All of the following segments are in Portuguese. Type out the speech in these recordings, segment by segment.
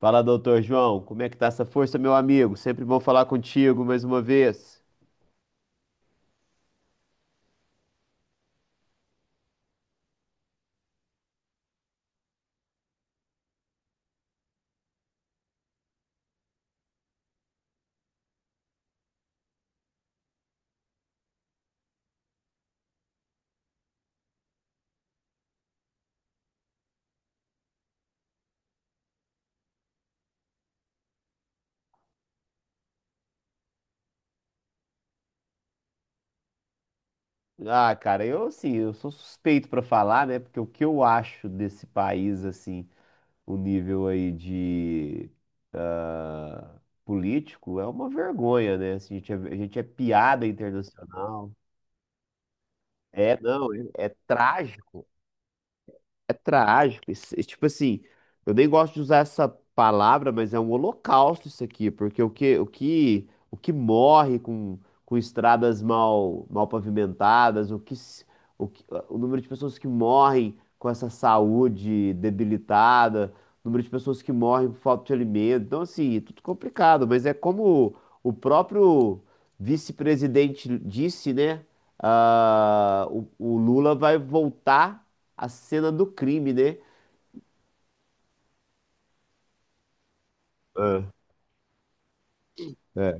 Fala, doutor João, como é que tá essa força, meu amigo? Sempre bom falar contigo mais uma vez. Cara, eu assim, eu sou suspeito pra falar, né? Porque o que eu acho desse país, assim, o nível aí de ah, político é uma vergonha, né? Assim, a gente é piada internacional. É, não, é, é trágico. É trágico. Isso, tipo assim, eu nem gosto de usar essa palavra, mas é um holocausto isso aqui, porque o que morre com estradas mal pavimentadas, o que, se- o que, ah, o número de pessoas que morrem com essa saúde debilitada, o número de pessoas que morrem por falta de alimento. Então, assim, é tudo complicado, mas é como o próprio vice-presidente disse, né? Ah, o Lula vai voltar a cena do crime, né? Ah, é.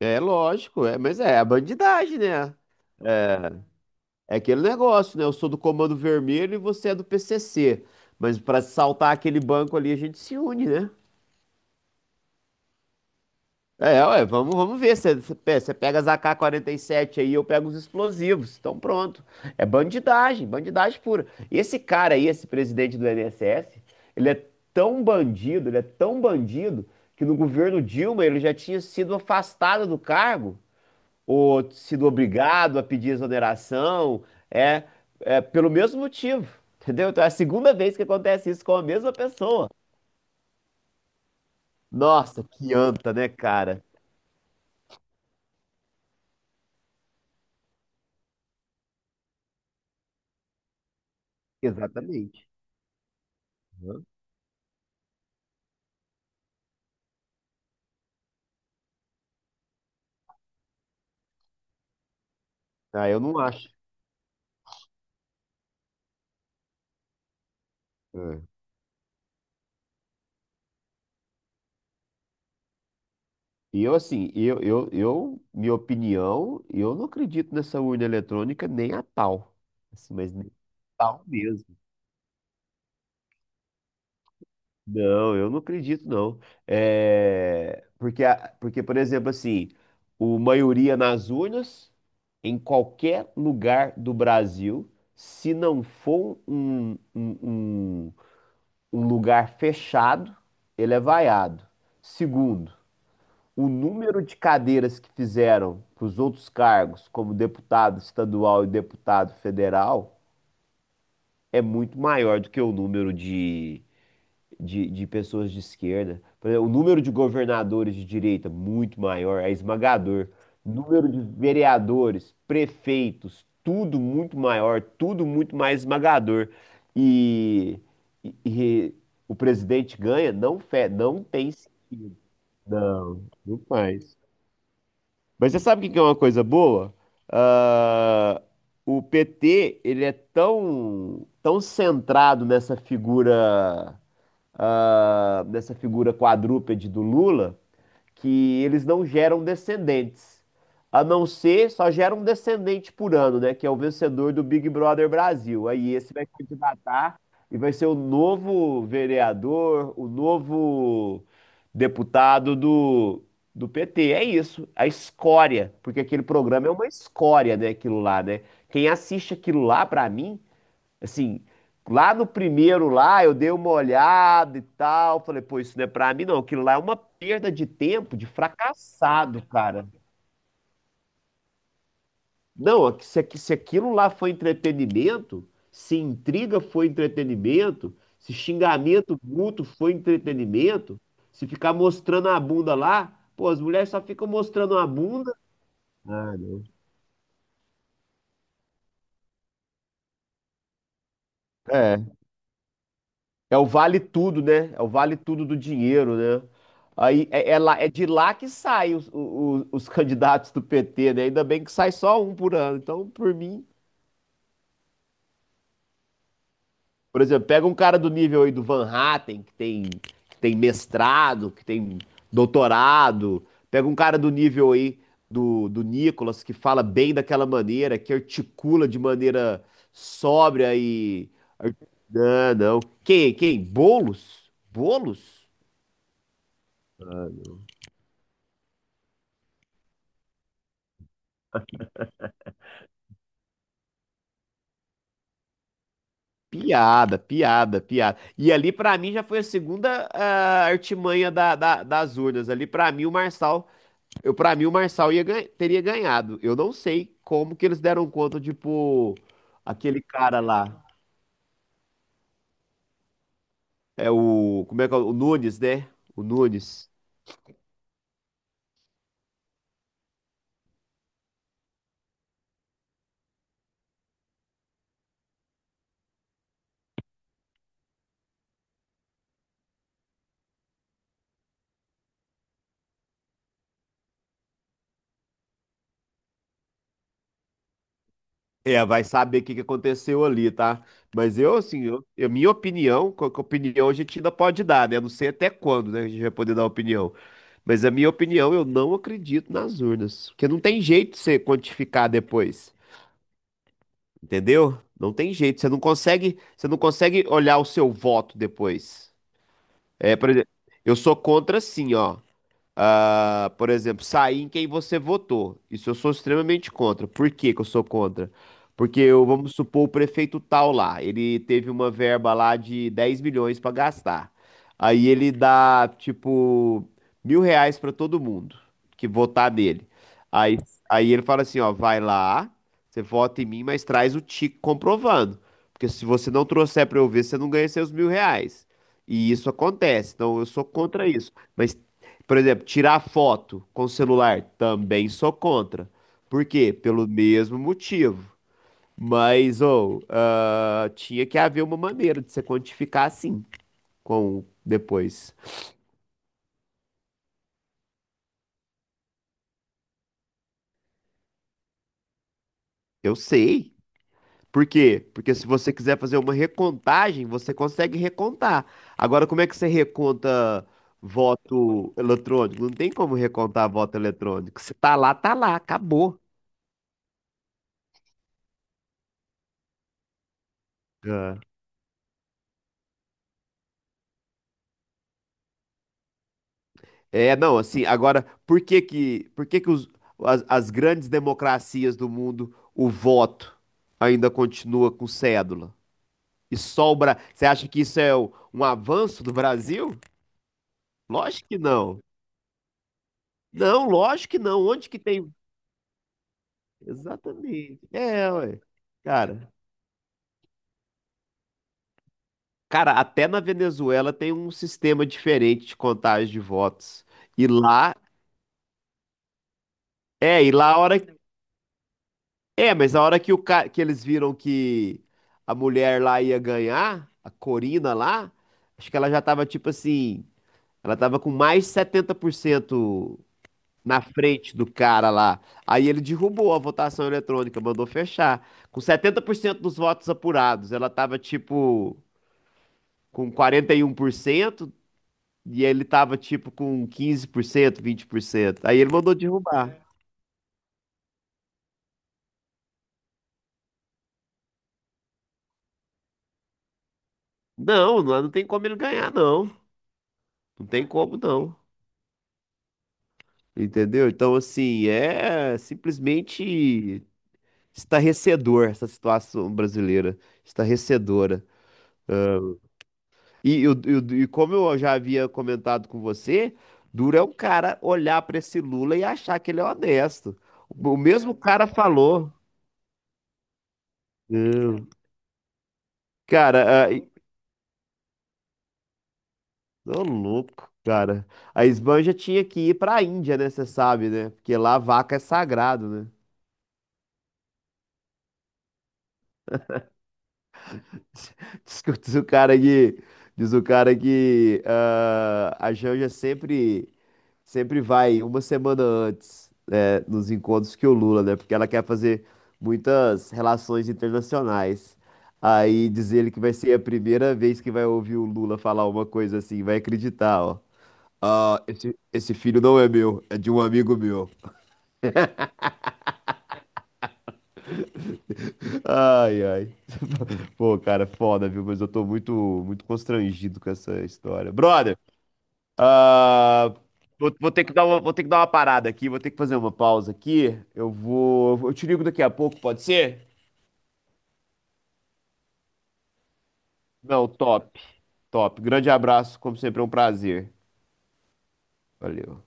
É lógico, é, mas é a bandidagem, né? É, é aquele negócio, né? Eu sou do Comando Vermelho e você é do PCC. Mas pra saltar aquele banco ali, a gente se une, né? É, ué, vamos ver. Você pega as ak sete aí, eu pego os explosivos. Então pronto. É bandidagem, bandidagem pura. E esse cara aí, esse presidente do INSS, ele é tão bandido, ele é tão bandido, que no governo Dilma ele já tinha sido afastado do cargo ou sido obrigado a pedir exoneração, é, é pelo mesmo motivo, entendeu? Então é a segunda vez que acontece isso com a mesma pessoa. Nossa, que anta, né, cara? Exatamente. Uhum. Ah, eu não acho. É. E eu, assim, minha opinião, eu não acredito nessa urna eletrônica nem a pau. Assim, mas nem a pau mesmo. Não, eu não acredito, não. É, porque, porque, por exemplo, assim, o maioria nas urnas, em qualquer lugar do Brasil, se não for um lugar fechado, ele é vaiado. Segundo, o número de cadeiras que fizeram para os outros cargos, como deputado estadual e deputado federal, é muito maior do que o número de pessoas de esquerda. Por exemplo, o número de governadores de direita muito maior, é esmagador. Número de vereadores, prefeitos, tudo muito maior, tudo muito mais esmagador. E, e o presidente ganha? Não, não tem sentido. Não, não faz. Mas você sabe o que que é uma coisa boa? Ah, o PT, ele é tão, tão centrado nessa figura dessa figura quadrúpede do Lula, que eles não geram descendentes. A não ser, só gera um descendente por ano, né? Que é o vencedor do Big Brother Brasil. Aí esse vai candidatar e vai ser o novo vereador, o novo deputado do PT. É isso, a escória, porque aquele programa é uma escória, né? Aquilo lá, né? Quem assiste aquilo lá, pra mim, assim, lá no primeiro lá, eu dei uma olhada e tal, falei, pô, isso não é pra mim não, aquilo lá é uma perda de tempo de fracassado, cara. Não, se aquilo lá foi entretenimento, se intriga foi entretenimento, se xingamento mútuo foi entretenimento, se ficar mostrando a bunda lá, pô, as mulheres só ficam mostrando a bunda. Ah, não. É o vale tudo, né? É o vale tudo do dinheiro, né? É é de lá que saem os candidatos do PT, né? Ainda bem que sai só um por ano. Então, por mim, por exemplo, pega um cara do nível aí do Van Hatten, que tem mestrado, que tem doutorado. Pega um cara do nível aí do Nicolas, que fala bem daquela maneira, que articula de maneira sóbria e. Não, não. Quem? Quem? Bolos? Bolos? Piada, piada, piada. E ali, pra mim, já foi a segunda artimanha das urnas. Ali, pra mim, o Marçal, eu, para mim, o Marçal teria ganhado. Eu não sei como que eles deram conta de pôr aquele cara lá. É o, como é que é? O Nunes, né? O Nunes. É, vai saber o que que aconteceu ali, tá? Mas eu, assim, minha opinião, que opinião a gente ainda pode dar, né? Não sei até quando, né, a gente vai poder dar opinião. Mas a minha opinião, eu não acredito nas urnas. Porque não tem jeito de você quantificar depois, entendeu? Não tem jeito, você não consegue olhar o seu voto depois. É, por exemplo, eu sou contra, sim, ó por exemplo, sair em quem você votou. Isso eu sou extremamente contra. Por que que eu sou contra? Porque, eu, vamos supor, o prefeito tal lá, ele teve uma verba lá de 10 milhões para gastar. Aí ele dá, tipo, 1.000 reais para todo mundo que votar nele. Aí, aí ele fala assim, ó, vai lá, você vota em mim, mas traz o tique comprovando. Porque se você não trouxer para eu ver, você não ganha seus 1.000 reais. E isso acontece, então eu sou contra isso. Mas por exemplo, tirar foto com celular, também sou contra. Por quê? Pelo mesmo motivo. Mas, ou, ah, tinha que haver uma maneira de você quantificar assim, com depois. Eu sei. Por quê? Porque se você quiser fazer uma recontagem, você consegue recontar. Agora, como é que você reconta voto eletrônico? Não tem como recontar voto eletrônico. Se tá lá, tá lá, acabou. Ah, é, não, assim, agora, por que que as grandes democracias do mundo, o voto ainda continua com cédula? E só o Bra... Você acha que isso é um avanço do Brasil? Lógico que não. Não, lógico que não. Onde que tem... Exatamente. É, ué. Cara, cara, até na Venezuela tem um sistema diferente de contagem de votos. E lá, é, e lá a hora é, mas na hora que, o ca... que eles viram que a mulher lá ia ganhar, a Corina lá, acho que ela já tava tipo assim, ela tava com mais de 70% na frente do cara lá. Aí ele derrubou a votação eletrônica, mandou fechar. Com 70% dos votos apurados, ela tava tipo com 41% e ele tava tipo com 15%, 20%. Aí ele mandou derrubar. Não, não tem como ele ganhar, não. Não tem como, não. Entendeu? Então, assim, é simplesmente estarrecedor essa situação brasileira, estarrecedora. E, e como eu já havia comentado com você, duro é um cara olhar para esse Lula e achar que ele é honesto. O mesmo cara falou. Hum, Cara, ah, ô louco, cara. A Esbanja tinha que ir para a Índia, né? Você sabe, né? Porque lá a vaca é sagrado, né? Diz o cara que, diz o cara que a Janja sempre vai uma semana antes, né, nos encontros que o Lula, né? Porque ela quer fazer muitas relações internacionais. Aí diz ele que vai ser a primeira vez que vai ouvir o Lula falar uma coisa assim, vai acreditar, ó. Ah, esse filho não é meu, é de um amigo meu. Ai, ai. Pô, cara, foda, viu? Mas eu tô muito constrangido com essa história. Brother! Ah, vou ter que dar uma parada aqui, vou ter que fazer uma pausa aqui. Eu vou, eu te ligo daqui a pouco, pode ser? Não, top, top. Grande abraço, como sempre, é um prazer. Valeu.